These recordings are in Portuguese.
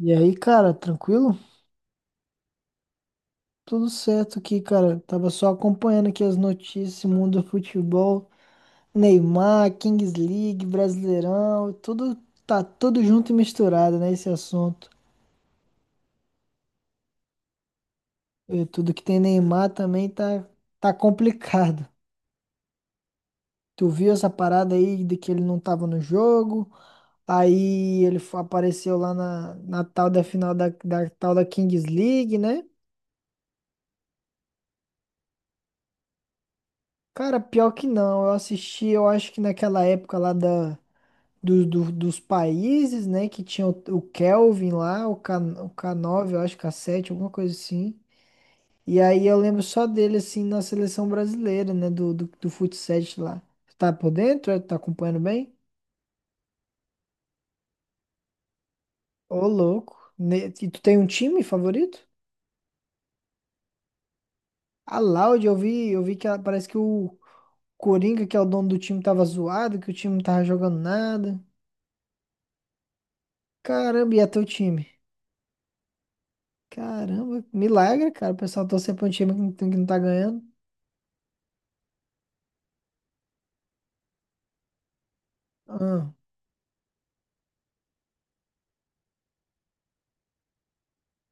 E aí, cara, tranquilo? Tudo certo aqui, cara. Tava só acompanhando aqui as notícias, mundo do futebol, Neymar, Kings League, Brasileirão, tudo tá tudo junto e misturado, né, esse assunto. E tudo que tem Neymar também tá complicado. Tu viu essa parada aí de que ele não tava no jogo? Aí ele apareceu lá na tal da final da tal da Kings League, né? Cara, pior que não. Eu assisti, eu acho que naquela época lá dos países, né? Que tinha o Kelvin lá, o k nove eu acho, k sete alguma coisa assim. E aí eu lembro só dele, assim, na seleção brasileira, né? Do futsal lá. Tá por dentro? É? Tá acompanhando bem? Ô, louco. E tu tem um time favorito? A Laude, eu vi que parece que o Coringa, que é o dono do time, tava zoado, que o time não tava jogando nada. Caramba, e é teu time? Caramba, milagre, cara. O pessoal torcer pra um time que não tá ganhando. Ah.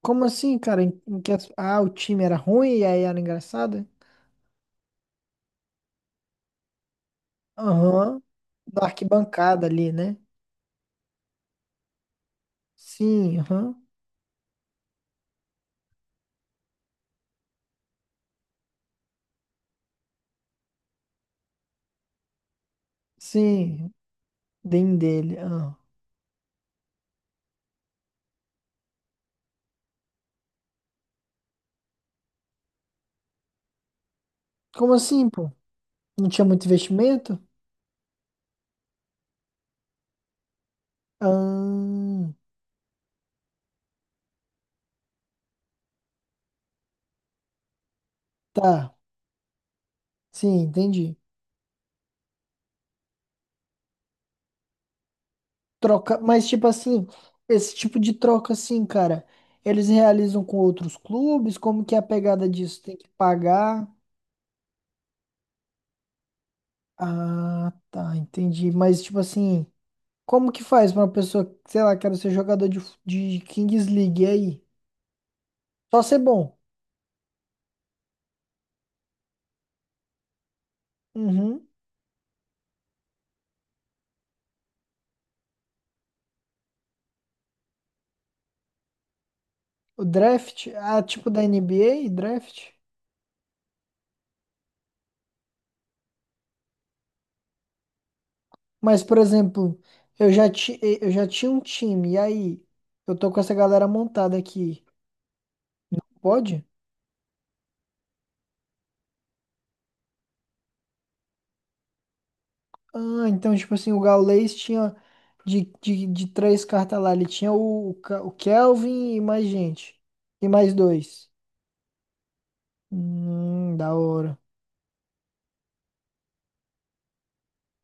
Como assim, cara? Em que o time era ruim e aí era engraçado? Aham. Da arquibancada ali, né? Sim, aham. Sim, bem dele. Ah. Como assim, pô? Não tinha muito investimento? Ah, tá. Sim, entendi. Troca, mas tipo assim, esse tipo de troca assim, cara, eles realizam com outros clubes? Como que é a pegada disso? Tem que pagar? Ah, tá, entendi. Mas tipo assim. Como que faz pra uma pessoa, que, sei lá, quero ser jogador de Kings League, e aí? Só ser bom. Uhum. O draft, ah, tipo da NBA, draft. Mas, por exemplo, eu já tinha um time, e aí? Eu tô com essa galera montada aqui. Pode? Ah, então, tipo assim, o Gaules tinha de três cartas lá, ele tinha o Kelvin e mais gente. E mais dois. Da hora.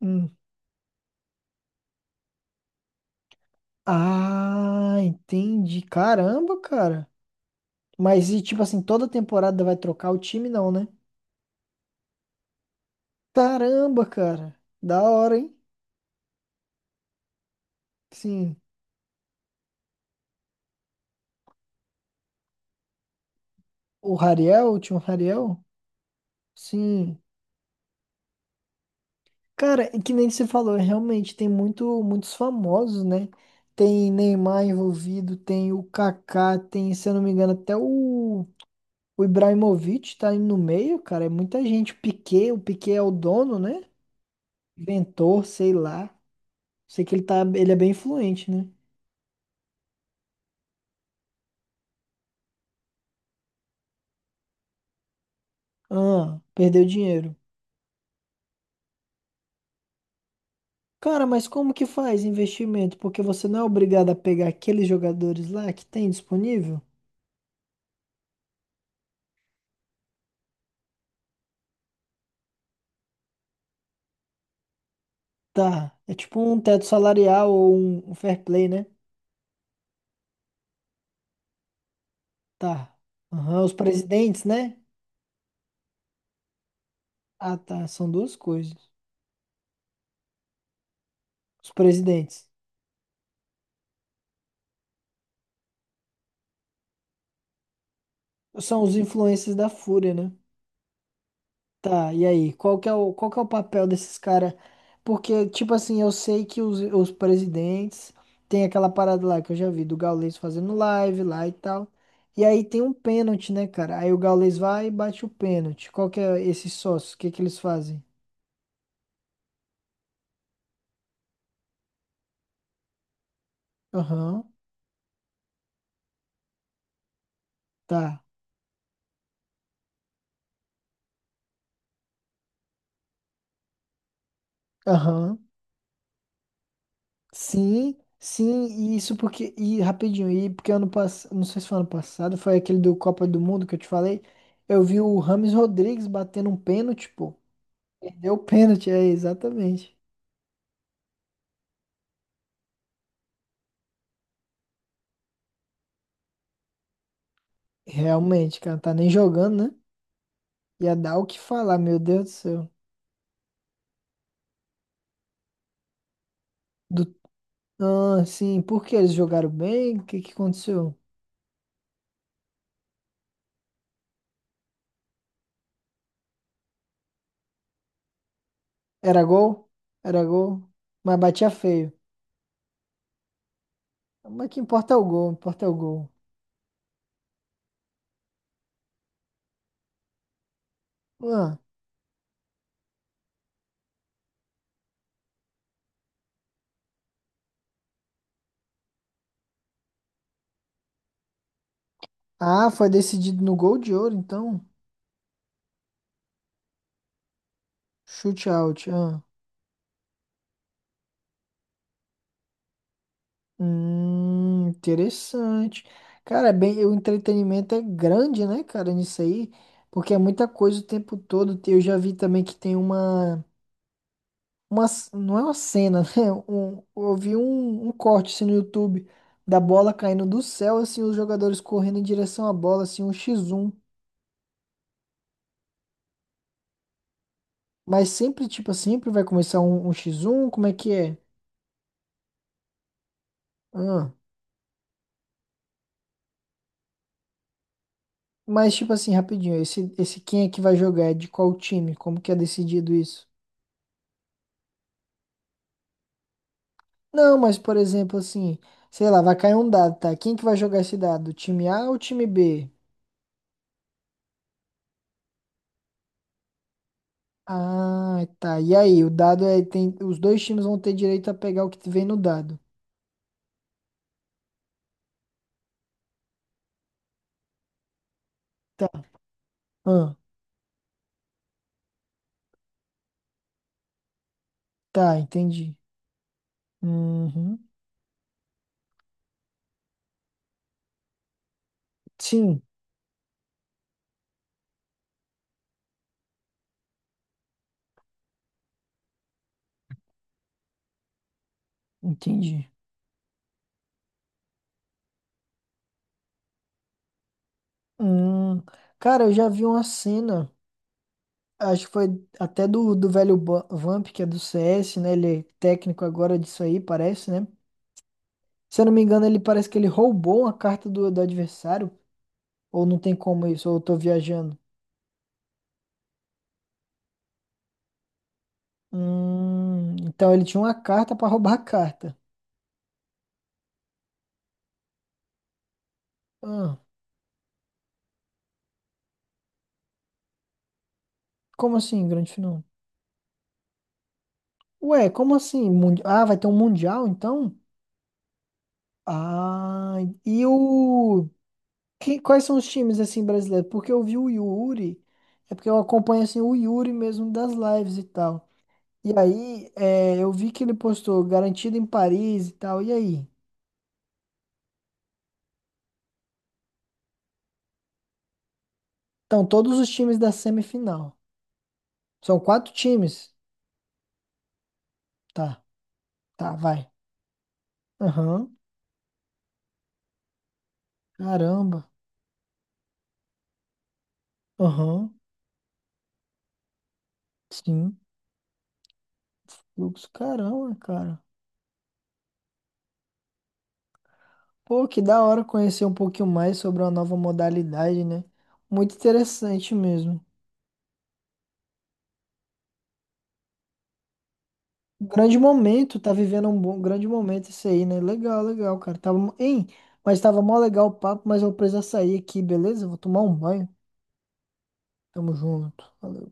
Hum. Ah, entendi. Caramba, cara. Mas e tipo assim, toda temporada vai trocar o time, não, né? Caramba, cara. Da hora, hein? Sim. O Rariel, o time Rariel? Sim. Cara, e que nem você falou, realmente tem muito, muitos famosos, né? Tem Neymar envolvido, tem o Kaká, tem, se eu não me engano, até o Ibrahimovic tá aí no meio, cara. É muita gente. O Piquet é o dono, né? Inventor, sei lá. Sei que ele é bem influente, né? Ah, perdeu dinheiro. Cara, mas como que faz investimento? Porque você não é obrigado a pegar aqueles jogadores lá que tem disponível? Tá. É tipo um teto salarial ou um fair play, né? Tá. Aham, os presidentes, né? Ah, tá. São duas coisas. Os presidentes. São os influencers da Fúria, né? Tá, e aí, qual que é o papel desses caras? Porque, tipo assim, eu sei que os presidentes tem aquela parada lá que eu já vi do Gaules fazendo live lá e tal. E aí tem um pênalti, né, cara? Aí o Gaules vai e bate o pênalti. Qual que é esses sócios? O que que eles fazem? Aham, tá. Aham. Sim, sim, e isso porque. E rapidinho, e porque ano passado. Não sei se foi ano passado, foi aquele do Copa do Mundo que eu te falei. Eu vi o Rames Rodrigues batendo um pênalti, pô. Deu pênalti, é, exatamente. Realmente, cara, tá nem jogando, né? Ia dar o que falar, meu Deus do céu. Do... Ah, sim, por que eles jogaram bem? O que que aconteceu? Era gol? Era gol. Mas batia feio. Mas que importa é o gol, importa é o gol. Ah, foi decidido no gol de ouro, então. Chute out. Ah. Interessante. Cara, é bem, o entretenimento é grande, né, cara, nisso aí. Porque é muita coisa o tempo todo. Eu já vi também que tem não é uma cena, né? Eu vi um corte assim, no YouTube da bola caindo do céu, assim, os jogadores correndo em direção à bola, assim, um X1. Mas sempre, tipo, sempre vai começar um, X1, como é que é? Ah, mas, tipo assim, rapidinho, esse quem é que vai jogar? É de qual time? Como que é decidido isso? Não, mas, por exemplo, assim, sei lá, vai cair um dado, tá? Quem que vai jogar esse dado? O time A ou o time B? Ah, tá. E aí, o dado é, tem, os dois times vão ter direito a pegar o que vem no dado. Ah, tá, entendi. Uhum. Sim, entendi. Hum, cara, eu já vi uma cena, acho que foi até do velho Vamp, que é do CS, né? Ele é técnico agora disso aí, parece, né? Se eu não me engano, ele parece que ele roubou uma carta do adversário, ou não tem como isso, ou eu tô viajando. Então ele tinha uma carta pra roubar a carta. Ah, como assim, grande final? Ué, como assim? Ah, vai ter um mundial então? Ah, e o Que- quais são os times assim brasileiros? Porque eu vi o Yuri, é porque eu acompanho assim o Yuri mesmo das lives e tal. E aí, é, eu vi que ele postou garantido em Paris e tal. E aí? Então, todos os times da semifinal. São quatro times? Tá, tá, vai. Aham. Caramba. Aham. Sim. Fluxo, caramba, cara. Pô, que da hora conhecer um pouquinho mais sobre uma nova modalidade, né? Muito interessante mesmo. Grande momento, tá vivendo um bom, grande momento isso aí, né? Legal, legal, cara. Tava, hein? Mas tava mó legal o papo, mas eu preciso sair aqui, beleza? Vou tomar um banho. Tamo junto. Valeu.